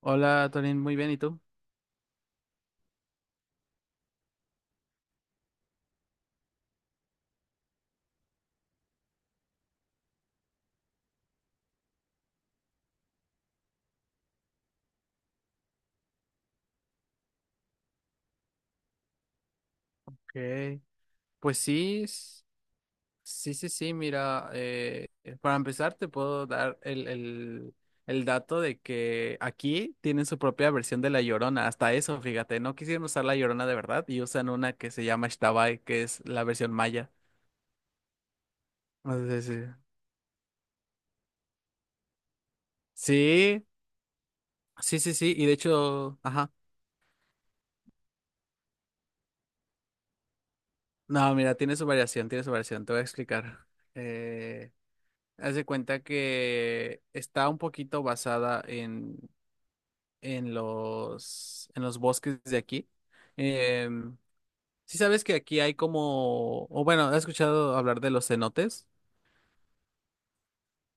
Hola, Torín, muy bien, ¿y tú? Ok. Pues sí, sí, sí, sí, mira, para empezar te puedo dar el dato de que aquí tienen su propia versión de La Llorona, hasta eso, fíjate, no quisieron usar La Llorona de verdad y usan una que se llama Xtabay, que es la versión maya. Entonces, sí, sí, sí, sí, sí, y de hecho, ajá, no, mira, tiene su variación, te voy a explicar. Eh, Haz de cuenta que está un poquito basada en en los bosques de aquí. Em, sí sabes que aquí hay como, o bueno, ¿has escuchado hablar de los cenotes?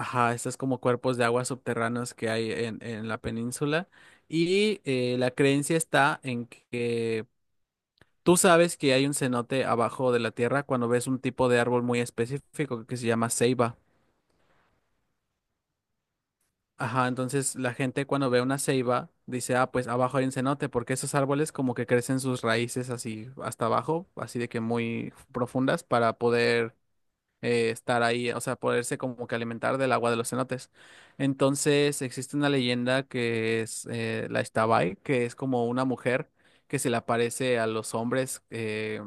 Ajá, estos como cuerpos de aguas subterráneos que hay en la península. Y la creencia está en que tú sabes que hay un cenote abajo de la tierra cuando ves un tipo de árbol muy específico que se llama ceiba. Ajá, entonces la gente cuando ve una ceiba dice, ah, pues abajo hay un cenote, porque esos árboles como que crecen sus raíces así hasta abajo, así de que muy profundas para poder estar ahí, o sea, poderse como que alimentar del agua de los cenotes. Entonces existe una leyenda que es la Ixtabay, que es como una mujer que se le aparece a los hombres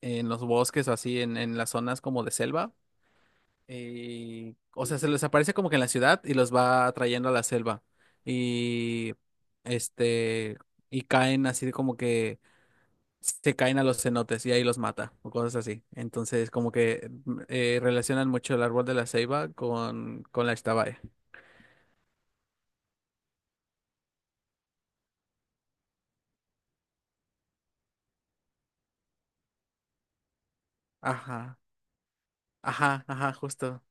en los bosques o así, en las zonas como de selva o sea, se les aparece como que en la ciudad y los va atrayendo a la selva. Y este, y caen así como que se caen a los cenotes y ahí los mata o cosas así. Entonces, como que relacionan mucho el árbol de la ceiba con la Ixtabay. Ajá, ajá, ajá, justo.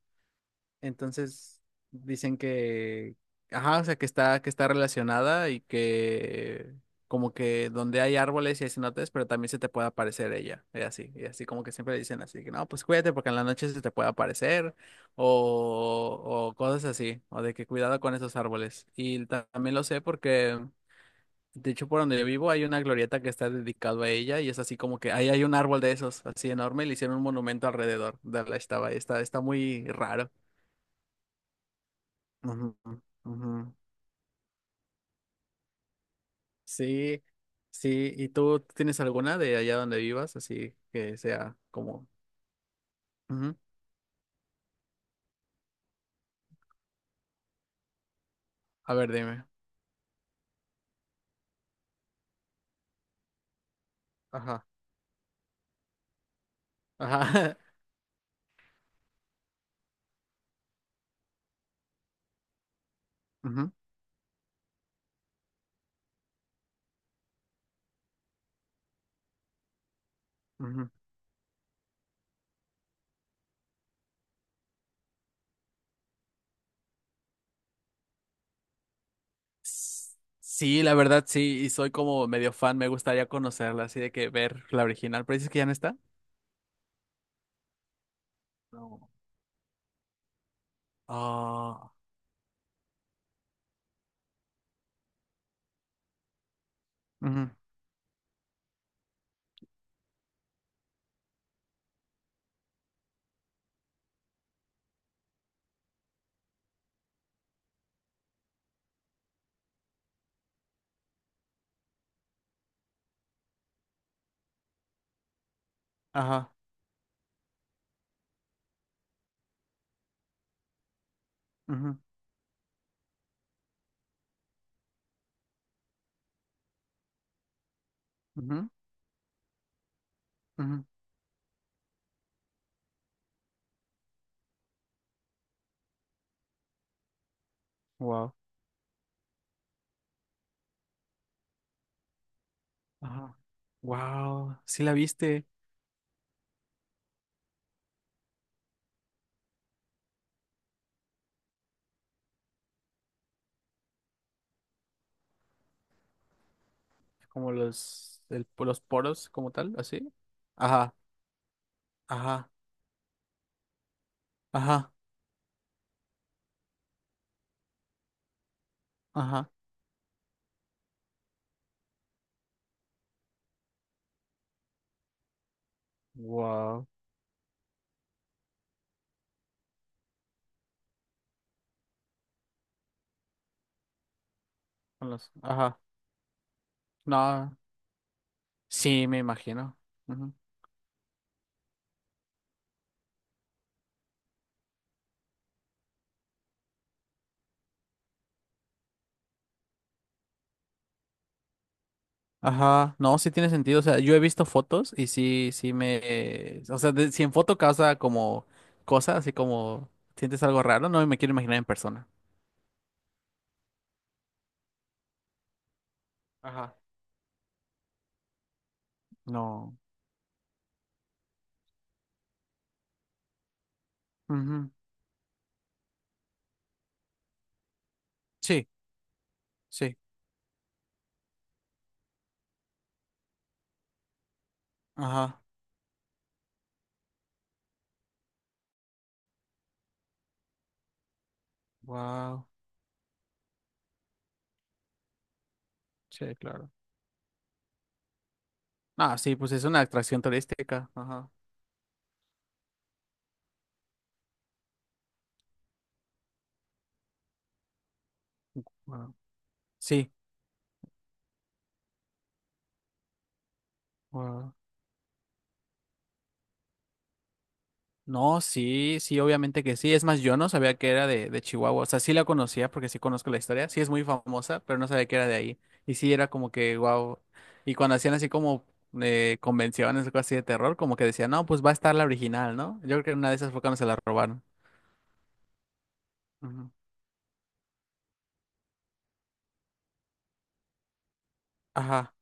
Entonces dicen que, ajá, o sea, que está relacionada y que como que donde hay árboles y hay cenotes, pero también se te puede aparecer ella, y así como que siempre dicen así, que no, pues cuídate porque en la noche se te puede aparecer o cosas así, o de que cuidado con esos árboles. Y también lo sé porque, de hecho, por donde yo vivo hay una glorieta que está dedicada a ella y es así como que ahí hay un árbol de esos, así enorme, y le hicieron un monumento alrededor de la estaba, está, está muy raro. Ujú, ujú. Sí, sí. ¿Y tú tienes alguna de allá donde vivas? Así que sea como... Ujú. A ver, dime. Ajá, ajá. Ujú, ujú. S- Sí, la verdad, sí. Y soy como medio fan. Me gustaría conocerla, así de que ver la original. ¿Pero dices que ya no está? No. Ah. Ujú, ajá. Ujú, ujú, ujú. Wow. Ajá. Wow. Sí la viste. Como los, los poros como tal, así. Ajá. Ajá. Ajá, ajá. Wow. Ajá, no, sí, me imagino. Ujú. Ajá, no, sí tiene sentido. O sea, yo he visto fotos y sí, sí me. O sea, si en foto causa como cosas, así como sientes algo raro, no me quiero imaginar en persona. Ajá. No. Ujú. Sí, sí, ajá, wow, sí, claro. Ah, sí, pues es una atracción turística, ajá, wow. Sí. Wow. No, sí, sí, obviamente que sí. Es más, yo no sabía que era de Chihuahua. O sea, sí la conocía porque sí conozco la historia. Sí es muy famosa, pero no sabía que era de ahí. Y sí era como que, wow. Y cuando hacían así como convenciones o cosas así de terror, como que decían, no, pues va a estar la original, ¿no? Yo creo que una de esas fue cuando se la robaron. Ujú. Ajá.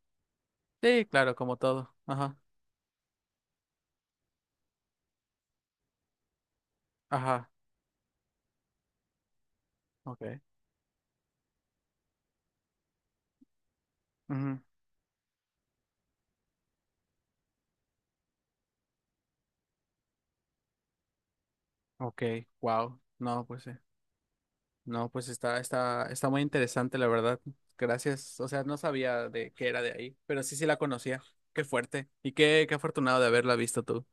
Sí, claro, como todo. Ajá. Ajá. Ok. Ujú. Ok. Wow. No, pues sí. No, pues está, está, está muy interesante, la verdad. Gracias. O sea, no sabía de qué era de ahí, pero sí, sí la conocía. Qué fuerte. Y qué, qué afortunado de haberla visto tú.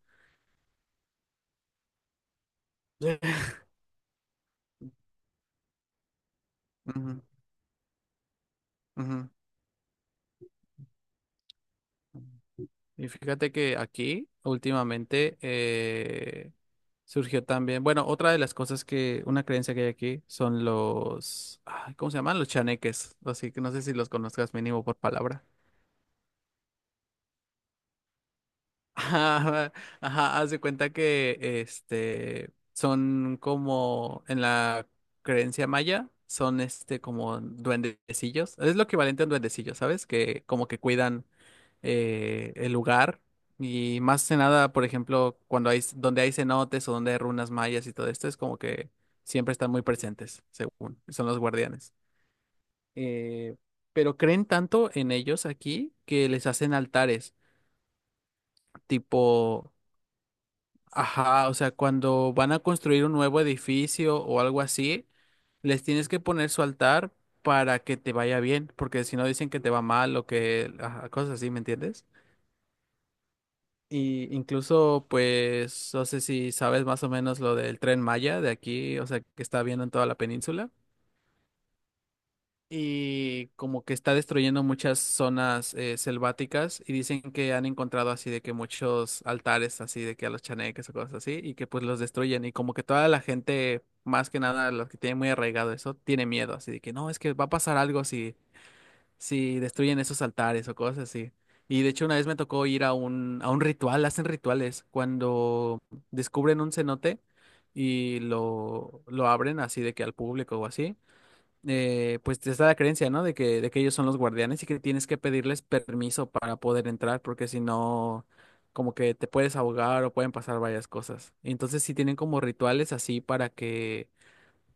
Ujú, ujú. Y fíjate que aquí últimamente surgió también, bueno, otra de las cosas que, una creencia que hay aquí son los, ay, ¿cómo se llaman? Los chaneques. Así que no sé si los conozcas mínimo por palabra. Ajá, ajá, haz de cuenta que este son como en la creencia maya, son este como duendecillos. Es lo equivalente a un duendecillo, ¿sabes? Que como que cuidan el lugar. Y más que nada, por ejemplo, cuando hay donde hay cenotes o donde hay runas mayas y todo esto, es como que siempre están muy presentes, según son los guardianes. Eh, pero creen tanto en ellos aquí que les hacen altares tipo. Ajá, o sea, cuando van a construir un nuevo edificio o algo así, les tienes que poner su altar para que te vaya bien, porque si no dicen que te va mal o que ajá, cosas así, ¿me entiendes? Y incluso, pues, no sé si sabes más o menos lo del Tren Maya de aquí, o sea, que está viendo en toda la península. Y como que está destruyendo muchas zonas selváticas y dicen que han encontrado así de que muchos altares así de que a los chaneques o cosas así y que pues los destruyen y como que toda la gente, más que nada los que tienen muy arraigado eso, tiene miedo así de que no, es que va a pasar algo si, si destruyen esos altares o cosas así. Y de hecho una vez me tocó ir a un ritual, hacen rituales cuando descubren un cenote y lo abren así de que al público o así pues está la creencia, ¿no? De que ellos son los guardianes y que tienes que pedirles permiso para poder entrar, porque si no, como que te puedes ahogar o pueden pasar varias cosas. Entonces sí tienen como rituales así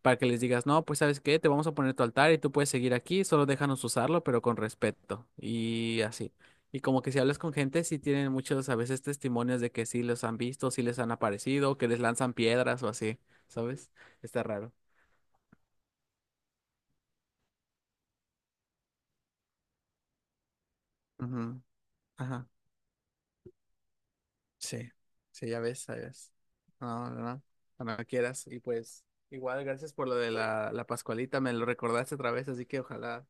para que les digas, no, pues ¿sabes qué? Te vamos a poner tu altar y tú puedes seguir aquí, solo déjanos usarlo, pero con respeto. Y así. Y como que si hablas con gente, sí tienen muchos a veces testimonios de que sí los han visto, sí les han aparecido, que les lanzan piedras o así, ¿sabes? Está raro. Ujú. Ajá. Sí, sí, ya ves, ya ves. No, no, no, no quieras. Y pues, igual, gracias por lo de la Pascualita, me lo recordaste otra vez, así que ojalá.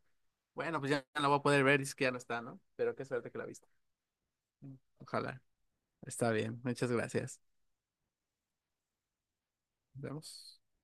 Bueno, pues ya no la voy a poder ver, es que ya no está, ¿no? Pero qué suerte que la viste. Ojalá. Está bien, muchas gracias. Nos vemos.